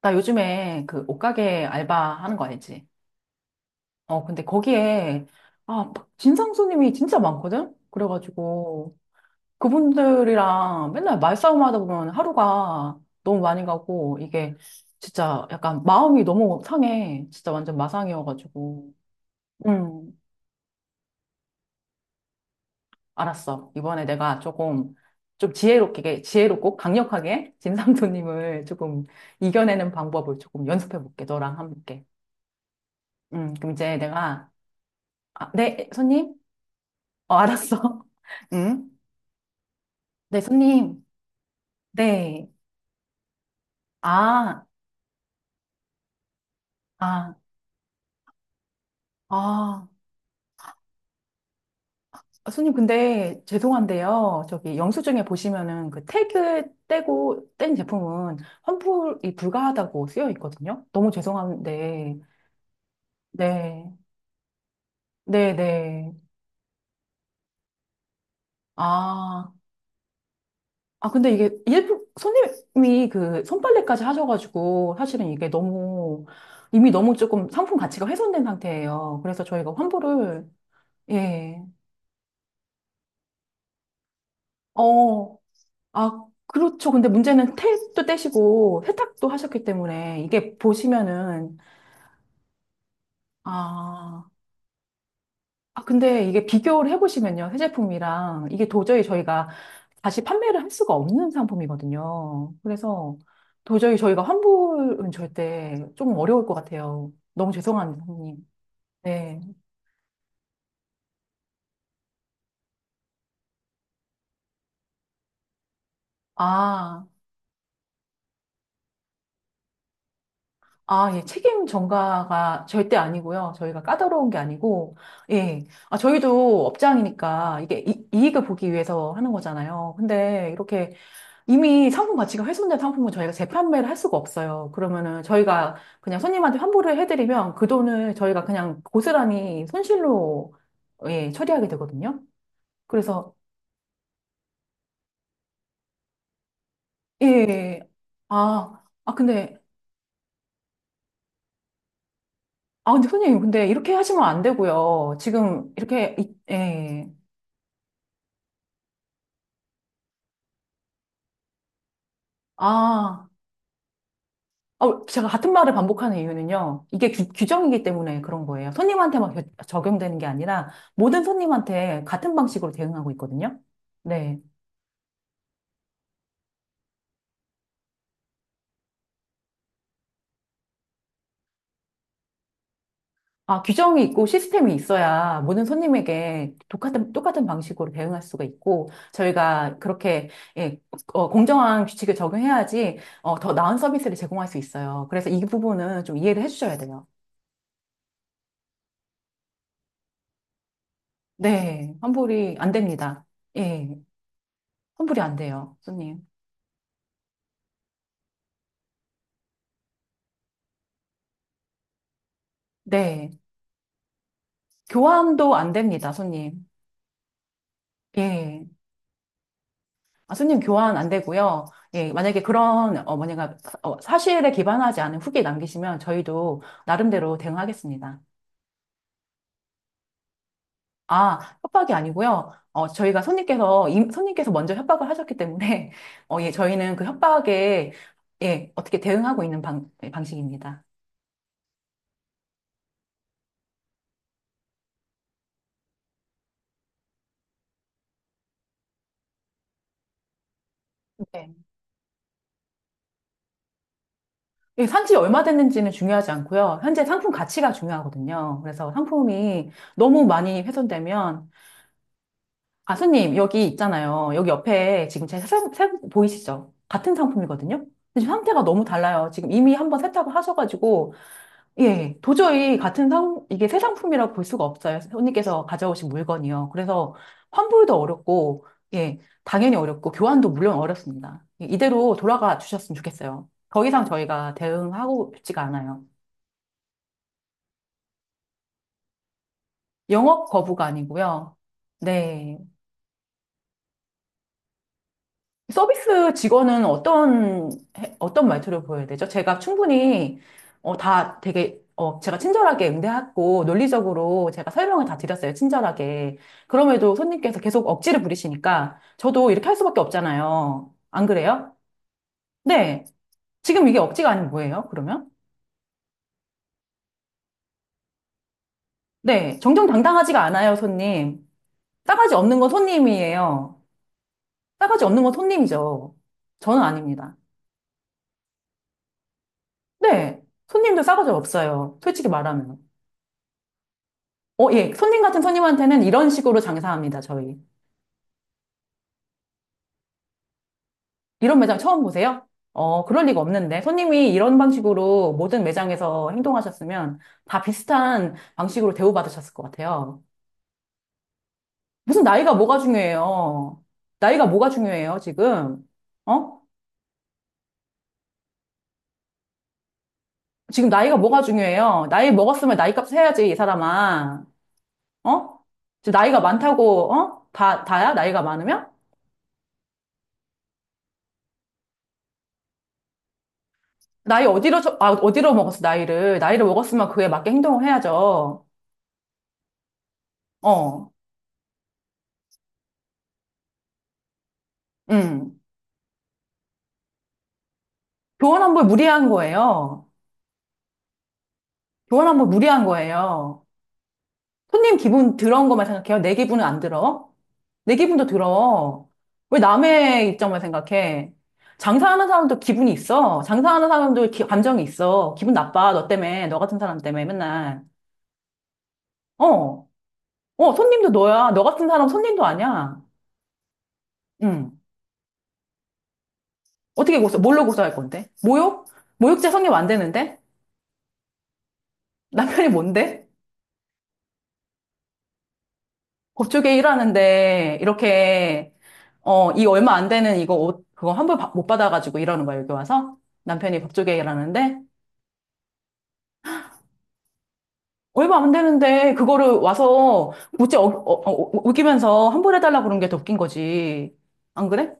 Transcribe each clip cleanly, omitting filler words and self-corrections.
나 요즘에 그 옷가게 알바 하는 거 알지? 근데 거기에, 아, 막 진상 손님이 진짜 많거든? 그래가지고, 그분들이랑 맨날 말싸움 하다 보면 하루가 너무 많이 가고, 이게 진짜 약간 마음이 너무 상해. 진짜 완전 마상이어가지고. 음, 알았어. 이번에 내가 조금, 좀 지혜롭게, 지혜롭고 강력하게 진상 손님을 조금 이겨내는 방법을 조금 연습해 볼게. 너랑 함께. 그럼 이제 내가 아, 네, 손님? 알았어. 응? 네, 손님. 네. 아, 아, 아. 아, 손님, 근데 죄송한데요. 저기 영수증에 보시면은 그 태그 떼고 뗀 제품은 환불이 불가하다고 쓰여 있거든요. 너무 죄송한데. 네. 네, 네. 아. 아, 근데 이게 일부 손님이 그 손빨래까지 하셔가지고 사실은 이게 너무 이미 너무 조금 상품 가치가 훼손된 상태예요. 그래서 저희가 환불을 예. 어, 그렇죠. 근데 문제는 떼도 떼시고 세탁도 하셨기 때문에 이게 보시면은, 아, 아, 근데 이게 비교를 해보시면요. 새 제품이랑 이게 도저히 저희가 다시 판매를 할 수가 없는 상품이거든요. 그래서 도저히 저희가 환불은 절대 좀 어려울 것 같아요. 너무 죄송합니다, 선생님. 네. 아. 아, 예, 책임 전가가 절대 아니고요. 저희가 까다로운 게 아니고, 예. 아, 저희도 업장이니까 이게 이, 이익을 보기 위해서 하는 거잖아요. 근데 이렇게 이미 상품 가치가 훼손된 상품은 저희가 재판매를 할 수가 없어요. 그러면은 저희가 그냥 손님한테 환불을 해드리면 그 돈을 저희가 그냥 고스란히 손실로, 예, 처리하게 되거든요. 그래서, 예. 예, 예. 아, 아, 근데, 아, 근데 손님, 근데 이렇게 하시면 안 되고요. 지금 이렇게, 예. 아. 제가 같은 말을 반복하는 이유는요. 이게 규, 규정이기 때문에 그런 거예요. 손님한테만 적용되는 게 아니라 모든 손님한테 같은 방식으로 대응하고 있거든요. 네. 아, 규정이 있고 시스템이 있어야 모든 손님에게 똑같은, 똑같은 방식으로 대응할 수가 있고, 저희가 그렇게, 예, 공정한 규칙을 적용해야지, 더 나은 서비스를 제공할 수 있어요. 그래서 이 부분은 좀 이해를 해주셔야 돼요. 네. 환불이 안 됩니다. 예. 환불이 안 돼요, 손님. 네. 교환도 안 됩니다, 손님. 예. 아, 손님 교환 안 되고요. 예, 만약에 그런, 뭐냐가, 사실에 기반하지 않은 후기 남기시면 저희도 나름대로 대응하겠습니다. 아, 협박이 아니고요. 저희가 손님께서, 손님께서 먼저 협박을 하셨기 때문에, 예, 저희는 그 협박에, 예, 어떻게 대응하고 있는 예, 방식입니다. 네. 예, 산지 얼마 됐는지는 중요하지 않고요. 현재 상품 가치가 중요하거든요. 그래서 상품이 너무 많이 훼손되면 아수님, 여기 있잖아요. 여기 옆에 지금 제 보이시죠? 같은 상품이거든요? 근데 지금 상태가 너무 달라요. 지금 이미 한번 세탁을 하셔가지고, 예, 예. 도저히 같은 이게 새 상품이라고 볼 수가 없어요. 손님께서 가져오신 물건이요. 그래서 환불도 어렵고, 예, 당연히 어렵고, 교환도 물론 어렵습니다. 예, 이대로 돌아가 주셨으면 좋겠어요. 더 이상 저희가 대응하고 싶지가 않아요. 영업 거부가 아니고요. 네. 서비스 직원은 어떤 말투를 보여야 되죠? 제가 충분히, 다 되게, 제가 친절하게 응대했고, 논리적으로 제가 설명을 다 드렸어요. 친절하게. 그럼에도 손님께서 계속 억지를 부리시니까, 저도 이렇게 할 수밖에 없잖아요. 안 그래요? 네. 지금 이게 억지가 아니면 뭐예요, 그러면? 네. 정정당당하지가 않아요, 손님. 싸가지 없는 건 손님이에요. 싸가지 없는 건 손님이죠. 저는 아닙니다. 네. 손님도 싸가지 없어요. 솔직히 말하면. 예. 손님 같은 손님한테는 이런 식으로 장사합니다, 저희. 이런 매장 처음 보세요? 그럴 리가 없는데. 손님이 이런 방식으로 모든 매장에서 행동하셨으면 다 비슷한 방식으로 대우받으셨을 것 같아요. 무슨 나이가 뭐가 중요해요? 나이가 뭐가 중요해요, 지금? 어? 지금 나이가 뭐가 중요해요? 나이 먹었으면 나이값 해야지, 이 사람아. 어? 지금 나이가 많다고, 어? 다야? 나이가 많으면? 나이 어디로, 어디로 먹었어, 나이를. 나이를 먹었으면 그에 맞게 행동을 해야죠. 어, 음. 교환 환불 무리한 거예요. 교환 환불 무리한 거예요. 손님 기분 들어온 것만 생각해요. 내 기분은 안 들어. 내 기분도 들어. 왜 남의 입장만 생각해? 장사하는 사람도 기분이 있어. 장사하는 사람도 감정이 있어. 기분 나빠. 너 때문에. 너 같은 사람 때문에 맨날. 어, 손님도 너야. 너 같은 사람 손님도 아니야. 응. 어떻게 고소, 뭘로 고소할 건데? 모욕? 모욕죄 성립 안 되는데? 남편이 뭔데? 법조계 일하는데 이렇게 이 얼마 안 되는 이거 옷 그거 환불 못 받아가지고 일하는 거야 여기 와서. 남편이 법조계 일하는데 얼마 안 되는데 그거를 와서 못지 우기면서 환불해달라 그런 게 더 웃긴 거지. 안 그래?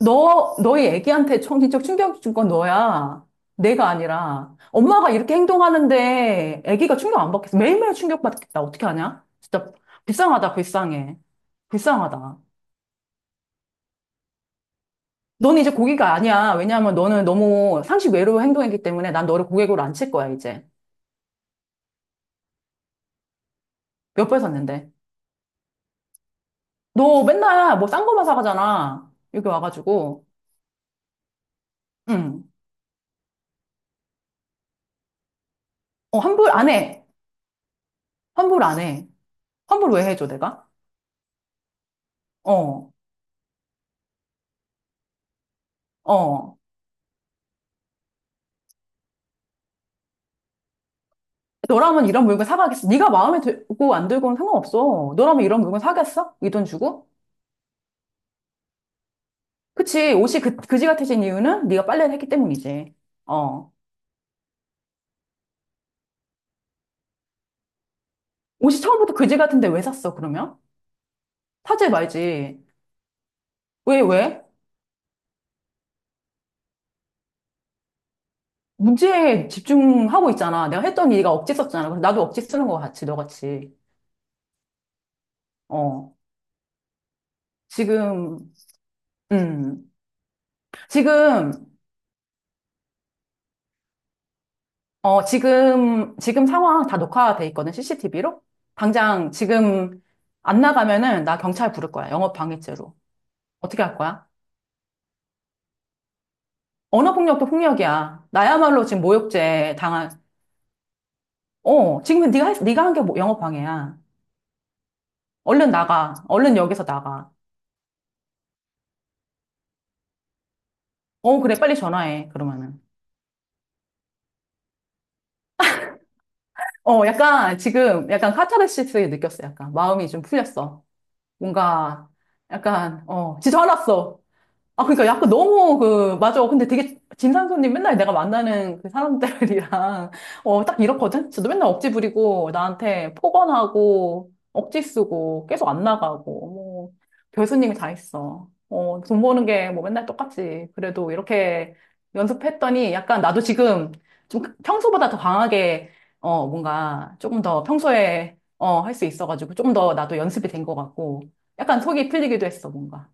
너 너희 애기한테 정신적 충격 준 건 너야. 내가 아니라 엄마가 이렇게 행동하는데 애기가 충격 안 받겠어? 매일매일 충격 받겠다. 어떻게 하냐 진짜. 불쌍하다 불쌍해. 불쌍하다. 너는 이제 고기가 아니야. 왜냐하면 너는 너무 상식 외로 행동했기 때문에 난 너를 고객으로 안 칠 거야, 이제. 몇 번 샀는데. 너 맨날 뭐 싼 거만 사가잖아. 여기 와가지고. 응. 환불 안 해. 환불 안 해. 환불 왜 해줘, 내가? 어, 어. 너라면 이런 물건 사가겠어. 네가 마음에 들고 안 들고는 상관없어. 너라면 이런 물건 사겠어? 이 돈 주고? 그치. 옷이 그지 같아진 이유는 네가 빨래를 했기 때문이지. 어. 옷이 처음부터 그지 같은데 왜 샀어, 그러면? 사지 말지. 왜, 왜? 문제에 집중하고 있잖아. 내가 했던 일이 억지 썼잖아. 그래서 나도 억지 쓰는 거 같이, 너같이. 어. 지금, 음. 지금, 지금 상황 다 녹화돼 있거든, CCTV로? 당장 지금 안 나가면은 나 경찰 부를 거야. 영업 방해죄로. 어떻게 할 거야? 언어폭력도 폭력이야. 나야말로 지금 모욕죄 당한, 지금 네가 한게 뭐 영업 방해야. 얼른 나가. 얼른 여기서 나가. 그래, 빨리 전화해. 그러면은. 약간 지금 약간 카타르시스 느꼈어. 약간 마음이 좀 풀렸어. 뭔가 약간 지쳐 화났어. 아, 그러니까 약간 너무 맞아. 근데 되게 진상 손님 맨날 내가 만나는 그 사람들이랑, 딱 이렇거든? 저도 맨날 억지 부리고, 나한테 폭언하고, 억지 쓰고, 계속 안 나가고, 뭐, 별수님이 다 있어. 돈 버는 게 뭐 맨날 똑같지. 그래도 이렇게 연습했더니 약간 나도 지금 좀 평소보다 더 강하게, 뭔가 조금 더 평소에, 할 수 있어가지고, 조금 더 나도 연습이 된 것 같고, 약간 속이 풀리기도 했어, 뭔가.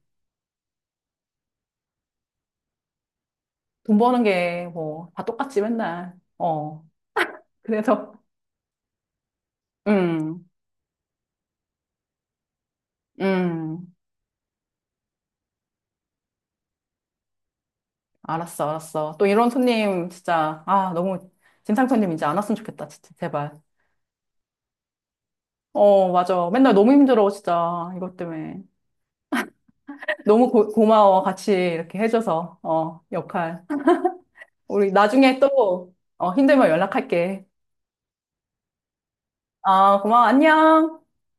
돈 버는 게 뭐 다 똑같지 맨날. 어. 그래서. 음. 음. 알았어. 알았어. 또 이런 손님 진짜 아, 너무. 진상 손님 이제 안 왔으면 좋겠다. 진짜 제발. 맞아. 맨날 너무 힘들어, 진짜. 이것 때문에. 너무 고마워. 같이 이렇게 해줘서. 역할. 우리 나중에 또 힘들면 연락할게. 아, 고마워. 안녕.